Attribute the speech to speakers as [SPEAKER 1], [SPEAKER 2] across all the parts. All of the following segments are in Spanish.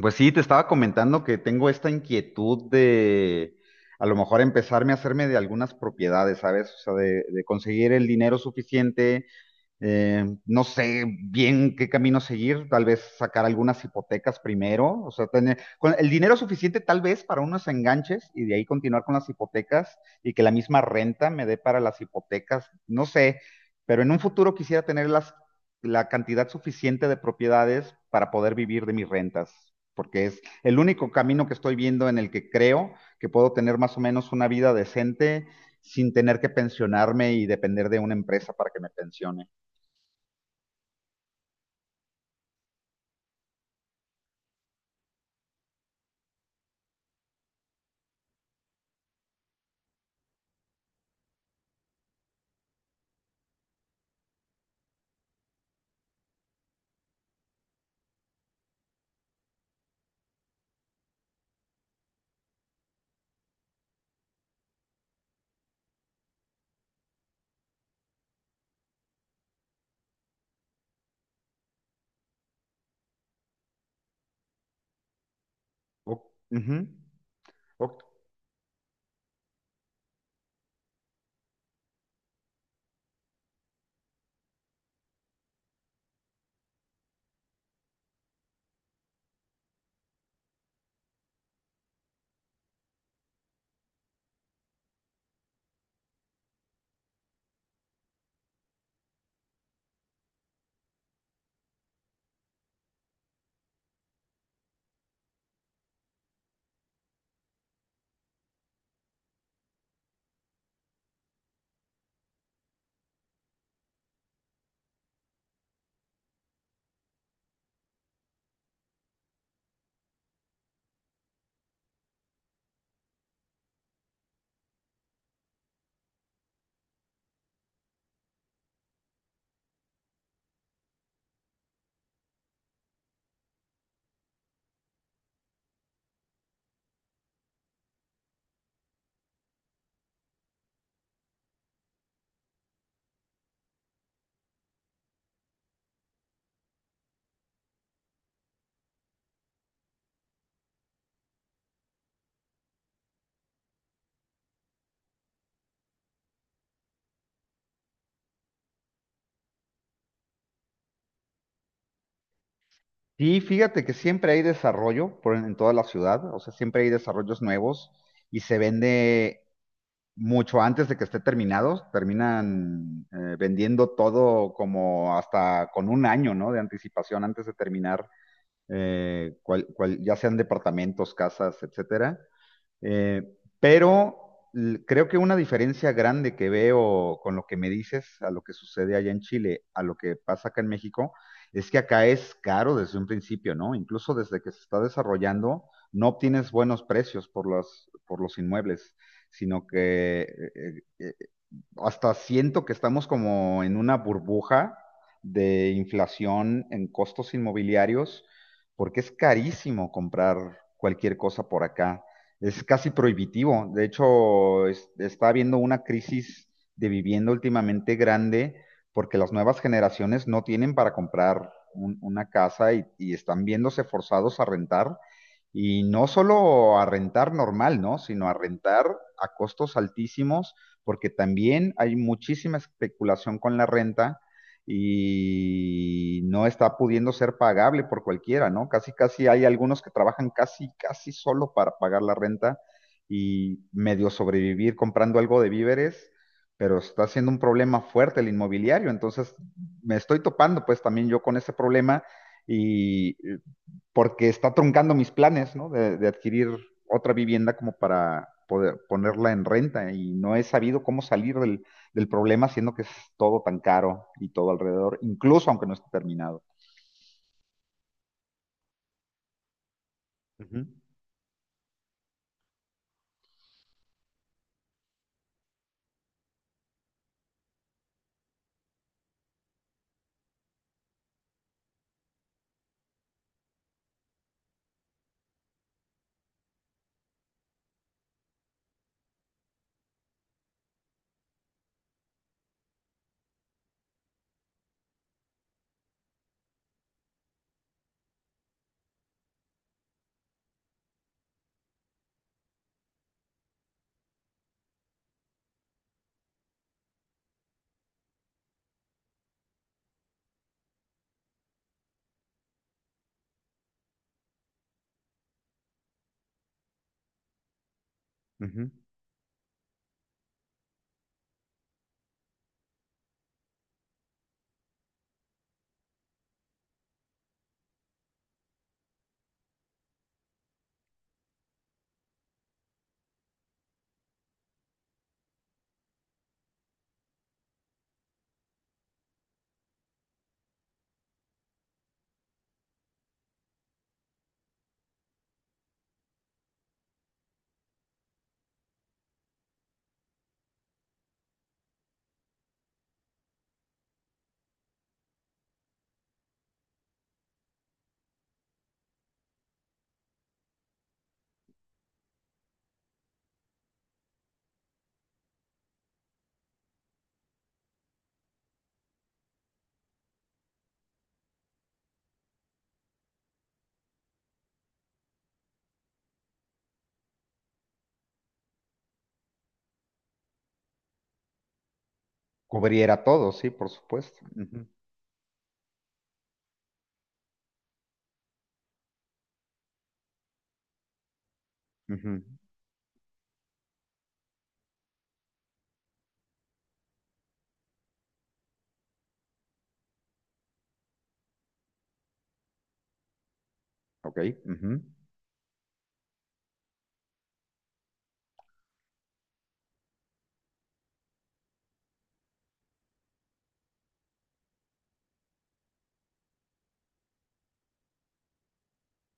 [SPEAKER 1] Pues sí, te estaba comentando que tengo esta inquietud de a lo mejor empezarme a hacerme de algunas propiedades, ¿sabes? O sea, de conseguir el dinero suficiente, no sé bien qué camino seguir, tal vez sacar algunas hipotecas primero, o sea, tener con el dinero suficiente tal vez para unos enganches y de ahí continuar con las hipotecas y que la misma renta me dé para las hipotecas, no sé, pero en un futuro quisiera tener la cantidad suficiente de propiedades para poder vivir de mis rentas, porque es el único camino que estoy viendo en el que creo que puedo tener más o menos una vida decente sin tener que pensionarme y depender de una empresa para que me pensione. O- Ujú. O- Sí, fíjate que siempre hay desarrollo en toda la ciudad, o sea, siempre hay desarrollos nuevos y se vende mucho antes de que esté terminado, terminan vendiendo todo como hasta con 1 año, ¿no? De anticipación antes de terminar, ya sean departamentos, casas, etcétera. Eh, pero Creo que una diferencia grande que veo con lo que me dices, a lo que sucede allá en Chile, a lo que pasa acá en México, es que acá es caro desde un principio, ¿no? Incluso desde que se está desarrollando, no obtienes buenos precios por por los inmuebles, sino que eh, eh, hasta siento que estamos como en una burbuja de inflación en costos inmobiliarios, porque es carísimo comprar cualquier cosa por acá. Es casi prohibitivo. De hecho, está habiendo una crisis de vivienda últimamente grande porque las nuevas generaciones no tienen para comprar una casa y están viéndose forzados a rentar. Y no solo a rentar normal, ¿no? Sino a rentar a costos altísimos porque también hay muchísima especulación con la renta y no está pudiendo ser pagable por cualquiera, ¿no? Casi, casi hay algunos que trabajan casi, casi solo para pagar la renta y medio sobrevivir comprando algo de víveres, pero está siendo un problema fuerte el inmobiliario, entonces me estoy topando pues también yo con ese problema y porque está truncando mis planes, ¿no? De adquirir otra vivienda como para poder ponerla en renta y no he sabido cómo salir del problema siendo que es todo tan caro y todo alrededor, incluso aunque no esté terminado. Ujú, ujú. Cubriera todo, sí, por supuesto. Ujú, ujú. Ok, ujú,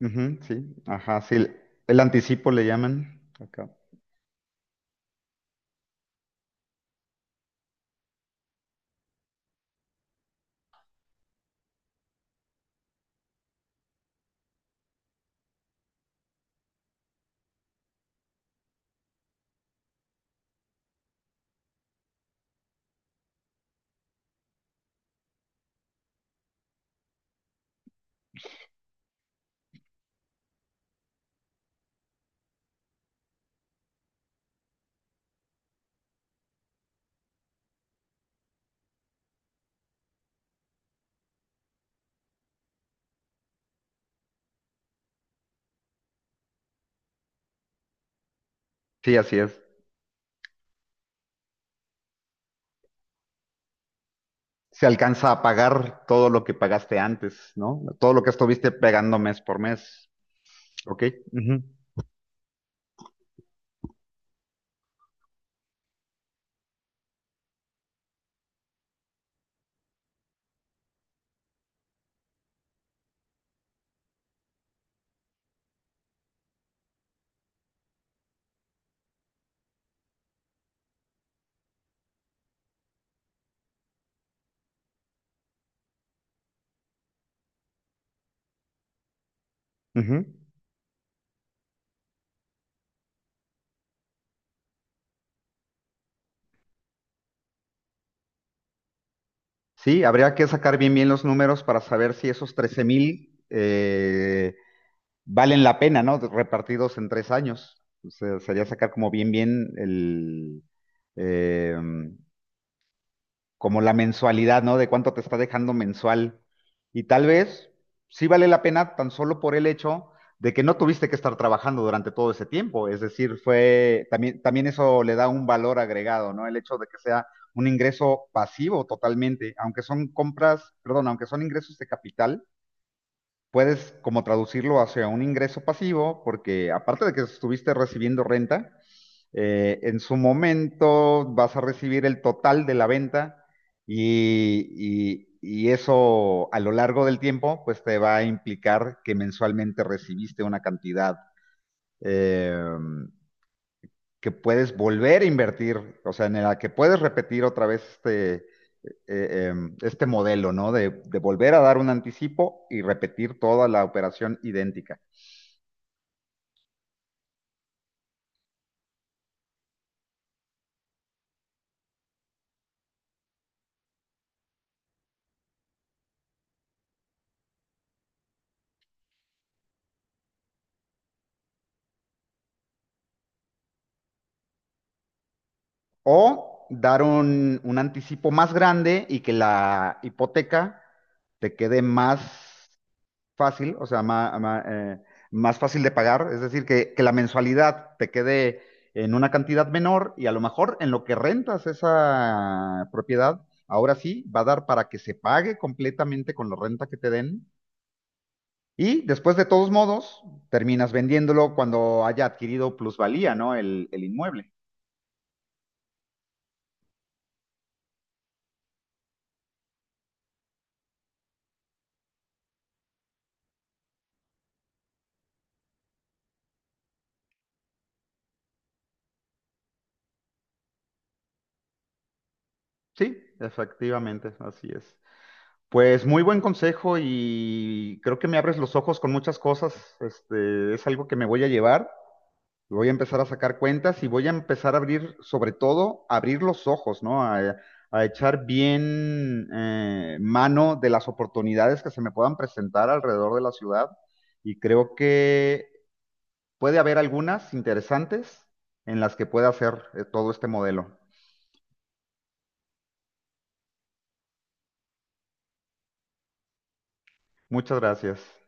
[SPEAKER 1] ujú, sí, ajá, sí. El anticipo le llaman acá. Sí, así es. Se alcanza a pagar todo lo que pagaste antes, ¿no? Todo lo que estuviste pegando mes por mes. Ok. Ujú. Sí, habría que sacar bien bien los números para saber si esos 13,000 valen la pena, ¿no? Repartidos en 3 años. O sea, sería sacar como bien bien eh, como la mensualidad, ¿no? De cuánto te está dejando mensual. Y tal vez sí vale la pena tan solo por el hecho de que no tuviste que estar trabajando durante todo ese tiempo. Es decir, también eso le da un valor agregado, ¿no? El hecho de que sea un ingreso pasivo totalmente, aunque son compras, perdón, aunque son ingresos de capital, puedes como traducirlo hacia un ingreso pasivo, porque aparte de que estuviste recibiendo renta, en su momento vas a recibir el total de la venta y eso a lo largo del tiempo pues te va a implicar que mensualmente recibiste una cantidad eh, que puedes volver a invertir, o sea, en la que puedes repetir otra vez este modelo, ¿no? De volver a dar un anticipo y repetir toda la operación idéntica. O dar un anticipo más grande y que la hipoteca te quede más fácil, o sea, más fácil de pagar, es decir, que la mensualidad te quede en una cantidad menor y a lo mejor en lo que rentas esa propiedad, ahora sí va a dar para que se pague completamente con la renta que te den y después de todos modos terminas vendiéndolo cuando haya adquirido plusvalía, ¿no? El inmueble. Sí, efectivamente, así es. Pues muy buen consejo y creo que me abres los ojos con muchas cosas. Este, es algo que me voy a llevar. Voy a empezar a sacar cuentas y voy a empezar a abrir, sobre todo, abrir los ojos, ¿no? A echar bien mano de las oportunidades que se me puedan presentar alrededor de la ciudad. Y creo que puede haber algunas interesantes en las que pueda hacer todo este modelo. Muchas gracias.